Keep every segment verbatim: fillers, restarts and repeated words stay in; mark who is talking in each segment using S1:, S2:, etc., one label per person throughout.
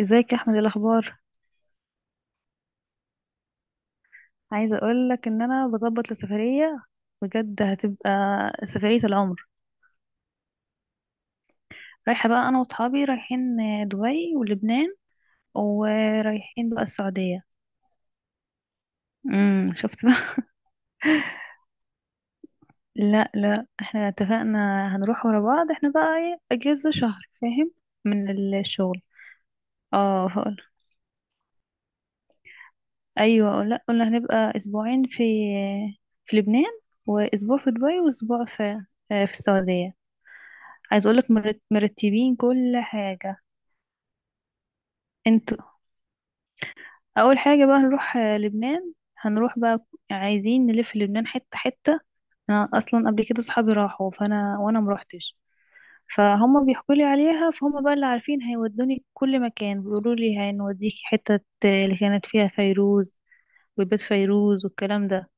S1: ازيك يا احمد؟ إيه الاخبار؟ عايزه اقول لك ان انا بظبط لسفريه، بجد هتبقى سفريه العمر. رايحه بقى انا واصحابي، رايحين دبي ولبنان، ورايحين بقى السعوديه. امم شفت بقى. لا لا، احنا اتفقنا هنروح ورا بعض. احنا بقى ايه، اجازه شهر فاهم، من الشغل. اه هقول، ايوه. لا قلنا هنبقى اسبوعين في في لبنان، واسبوع في دبي، واسبوع في آه، في السعوديه. عايز اقولك مرت- مرتبين كل حاجه. انتوا. اول حاجه بقى هنروح آه، لبنان. هنروح بقى، عايزين نلف لبنان حته حته. انا اصلا قبل كده صحابي راحوا، فانا وانا مروحتش، فهم بيحكوا لي عليها. فهم بقى اللي عارفين هيودوني كل مكان، بيقولوا لي هنوديكي حته آه، اللي كانت فيها فيروز، وبيت فيروز والكلام ده.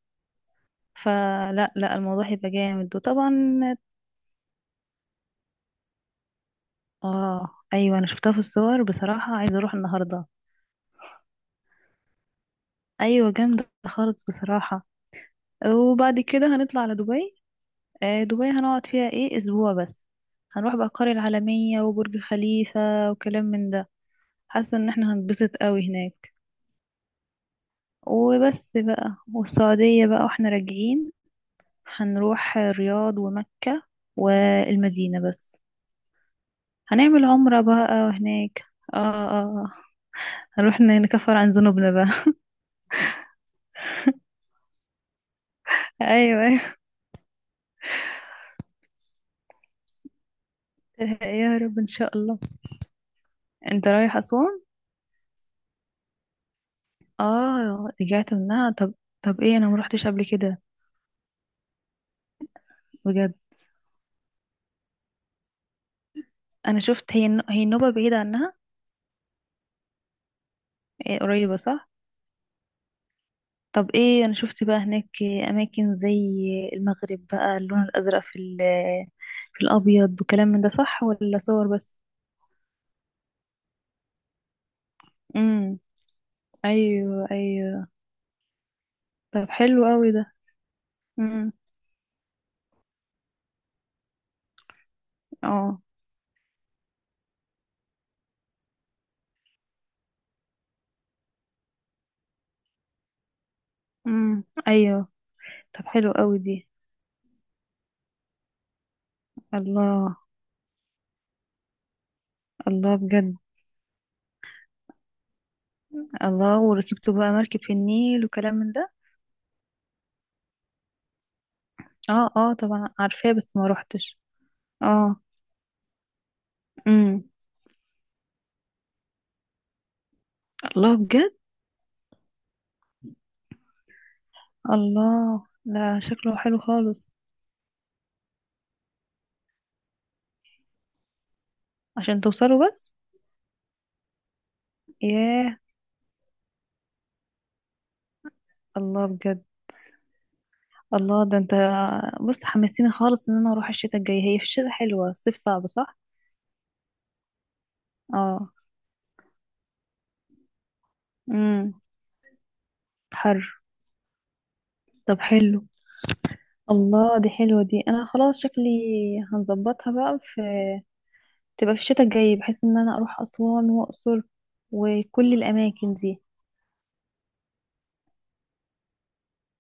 S1: فلا لا، الموضوع هيبقى جامد. وطبعا اه، ايوه، انا شفتها في الصور بصراحه، عايزه اروح النهارده. ايوه جامده خالص بصراحه. وبعد كده هنطلع على دبي. آه، دبي هنقعد فيها ايه، اسبوع بس. هنروح بقى القرية العالمية وبرج خليفة وكلام من ده. حاسة ان احنا هنتبسط قوي هناك. وبس بقى. والسعودية بقى واحنا راجعين، هنروح الرياض ومكة والمدينة بس. هنعمل عمرة بقى هناك. اه اه. آه. هنروح ن- نكفر عن ذنوبنا بقى. ايوه. ايوه يا رب ان شاء الله. انت رايح اسوان؟ اه، رجعت منها؟ طب. طب ايه، انا ما روحتش قبل كده. بجد؟ انا شفت، هي الن- هي النوبة بعيدة عنها؟ إيه قريبة صح. طب ايه، انا شفت بقى هناك اماكن زي المغرب بقى، اللون الازرق في ال- في الابيض وكلام من ده، صح ولا صور بس؟ امم ايوه. ايوه، طب حلو قوي ده. امم. اه. امم. ايوه، طب حلو قوي دي. الله. الله بجد. الله، وركبتوا بقى مركب في النيل وكلام من ده؟ اه اه، طبعا عارفاه بس ما روحتش. اه. امم. الله بجد. الله ده شكله حلو خالص. عشان توصلوا بس؟ ياه. الله بجد. الله ده انت. بص، حمستيني خالص ان انا اروح الشتاء الجاي. هي في الشتاء حلوة، الصيف صعب صح؟ اه. امم. حر. طب حلو. الله دي حلوة، دي انا خلاص شكلي هنظبطها بقى في، تبقى في الشتاء الجاي، بحيث ان انا اروح اسوان واقصر وكل الاماكن دي.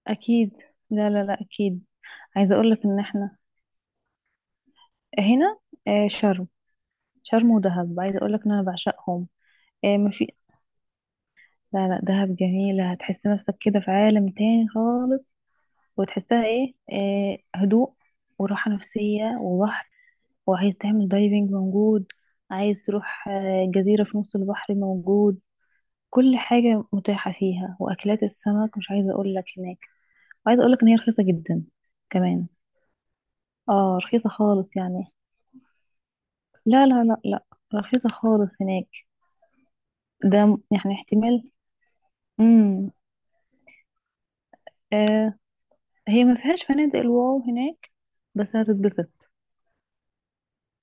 S1: اكيد. لا لا لا، اكيد. عايزة اقول لك ان احنا هنا، آه، شرم. شرم ودهب، عايزة اقول لك ان انا بعشقهم. آه، مفي... لا لا، دهب جميلة، هتحس نفسك كده في عالم تاني خالص، وتحسها ايه, إيه هدوء وراحة نفسية وبحر. وعايز تعمل دايفنج موجود. عايز تروح آه، جزيرة في نص البحر موجود. كل حاجة متاحة فيها، وأكلات السمك مش عايزة أقول لك هناك. وعايزة أقول لك إن هي رخيصة جدا كمان. اه، رخيصة خالص يعني. لا لا لا لا، رخيصة خالص هناك. ده م- يعني احتمال. امم. آه. هي ما فيهاش فنادق الواو هناك، بس هتتبسط.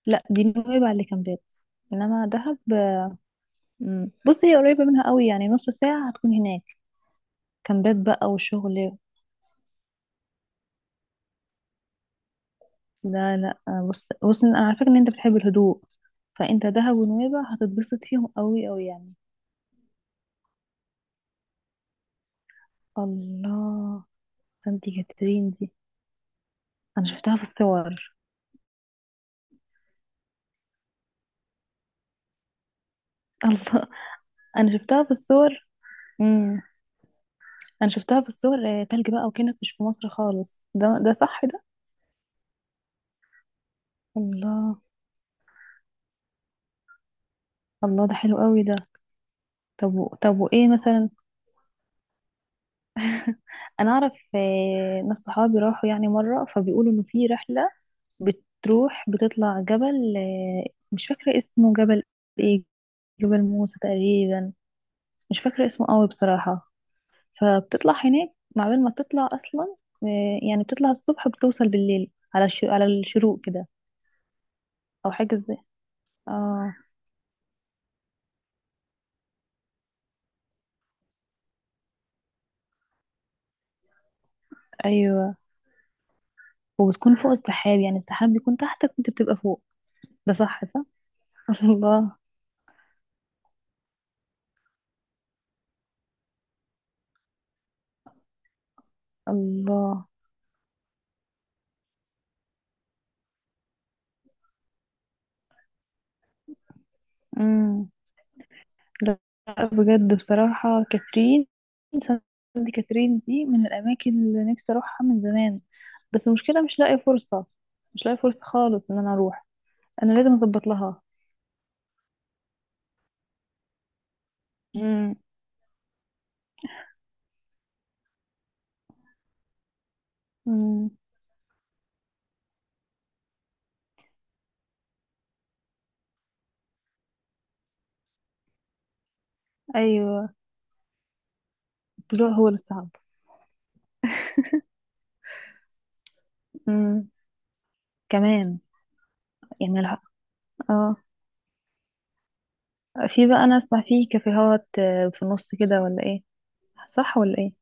S1: لا، دي نويبع اللي كامبات، انما دهب. مم. بص، هي قريبة منها قوي، يعني نص ساعة هتكون هناك. كامبات بقى وشغل. لا لا، آه، بص بص، انا على فكرة ان انت بتحب الهدوء، فانت دهب ونويبع هتتبسط فيهم قوي قوي يعني. الله. سانتي كاترين دي؟ انا شفتها في الصور. الله. انا شفتها في الصور. امم. انا شفتها في الصور، آه، تلج بقى، وكأنك مش في مصر خالص. ده ده صح ده؟ الله. الله ده حلو قوي ده. طب و- طب وايه مثلا؟ انا اعرف آه، ناس صحابي راحوا يعني مره، فبيقولوا انه في رحله بتروح، بتطلع جبل، آه، مش فاكره اسمه. جبل ايه، جبل موسى تقريبا، مش فاكره اسمه قوي بصراحه. فبتطلع هناك مع بال ما تطلع اصلا، آه، يعني بتطلع الصبح، بتوصل بالليل على الش... على الشروق كده، او حاجه زي. اه. ايوه، وبتكون فوق السحاب، يعني السحاب بيكون تحتك وانت بتبقى فوق. ده صح صح. الله. الله. إمم. لأ. بجد بصراحة، كاترين سانت كاترين دي من الأماكن اللي نفسي أروحها من زمان، بس المشكلة مش لاقية فرصة، مش لاقية فرصة خالص إن أنا أروح. أنا لازم أظبط لها. مم. مم. أيوة. الطلوع هو اللي صعب. مم. كمان، يعني لا، اه، في بقى. أنا أسمع فيه كافيهات آه، في النص كده ولا إيه؟ صح ولا إيه؟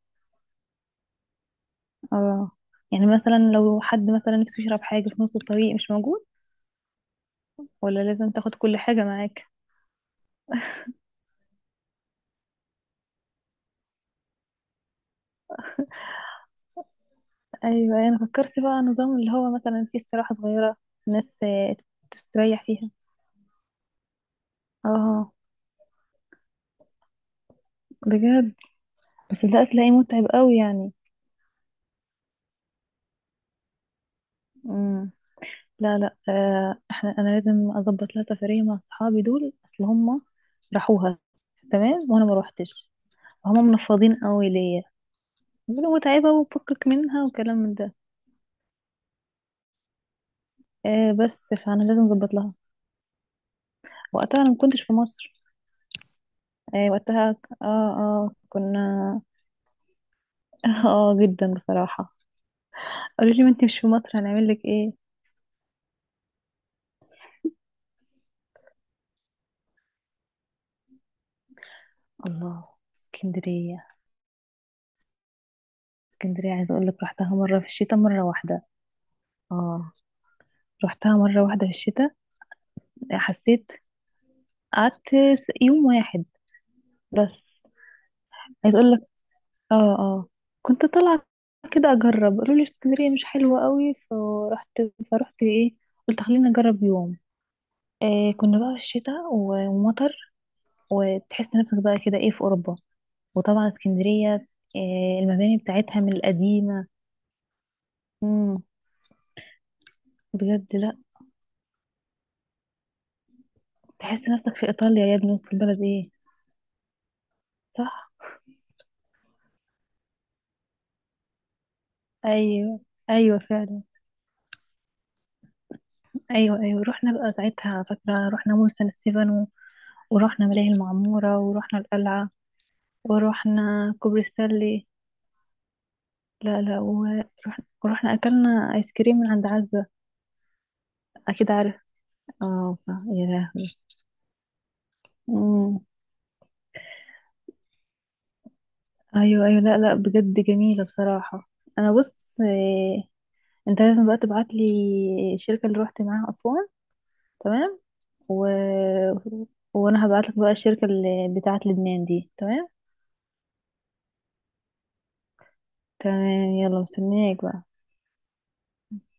S1: اه، يعني مثلا لو حد مثلا نفسه يشرب حاجة في نص الطريق مش موجود، ولا لازم تاخد كل حاجة معاك؟ ايوه أيوة، انا فكرت بقى نظام اللي هو مثلا فيه استراحة صغيرة، الناس آه، تستريح فيها. اه. بجد. بس ده هتلاقيه متعب قوي يعني. امم. لا لا، آه، احنا انا لازم اظبط لها سفرية مع صحابي دول، اصل هم راحوها تمام وانا ما روحتش. هم منفضين قوي ليا، بيقولوا متعبة وفكك منها وكلام من ده. آه، بس فانا لازم اظبط لها. وقتها انا ما كنتش في مصر. آه، وقتها ك- اه اه كنا. اه، جدا بصراحة. قالوا لي، ما انت مش في مصر هنعمل لك ايه. الله. اسكندرية. اسكندرية عايزة اقول لك رحتها مرة في الشتاء، مرة واحدة. اه. رحتها مرة واحدة في الشتاء. حسيت، قعدت س- يوم واحد بس. عايزة اقول لك، اه اه، كنت طالعة كده اجرب. قالوا لي اسكندرية مش حلوة قوي، فرحت فرحت ايه. قلت خليني اجرب يوم. إيه كنا بقى في الشتاء و- ومطر، وتحس نفسك بقى كده ايه في اوروبا، وطبعا اسكندرية، إيه المباني بتاعتها من القديمة، بجد لا، تحس نفسك في ايطاليا يا ابني. وسط البلد ايه؟ صح. ايوه ايوه فعلا. ايوه ايوه، رحنا بقى ساعتها، فاكره رحنا مول سان ستيفانو، ورحنا ملاهي المعموره، ورحنا القلعه، ورحنا كوبري ستانلي. لا لا، ورحنا, ورحنا اكلنا ايس كريم من عند عزه. اكيد عارف. اه، ف- يا لهوي. أمم. ايوه ايوه، لا لا، بجد جميله بصراحه. انا بص، إيه، انت لازم بقى تبعت لي الشركه اللي روحت معاها اسوان، تمام، و... وانا هبعتلك بقى الشركة اللي بتاعت لبنان دي، تمام. تمام، يلا مستنياك بقى.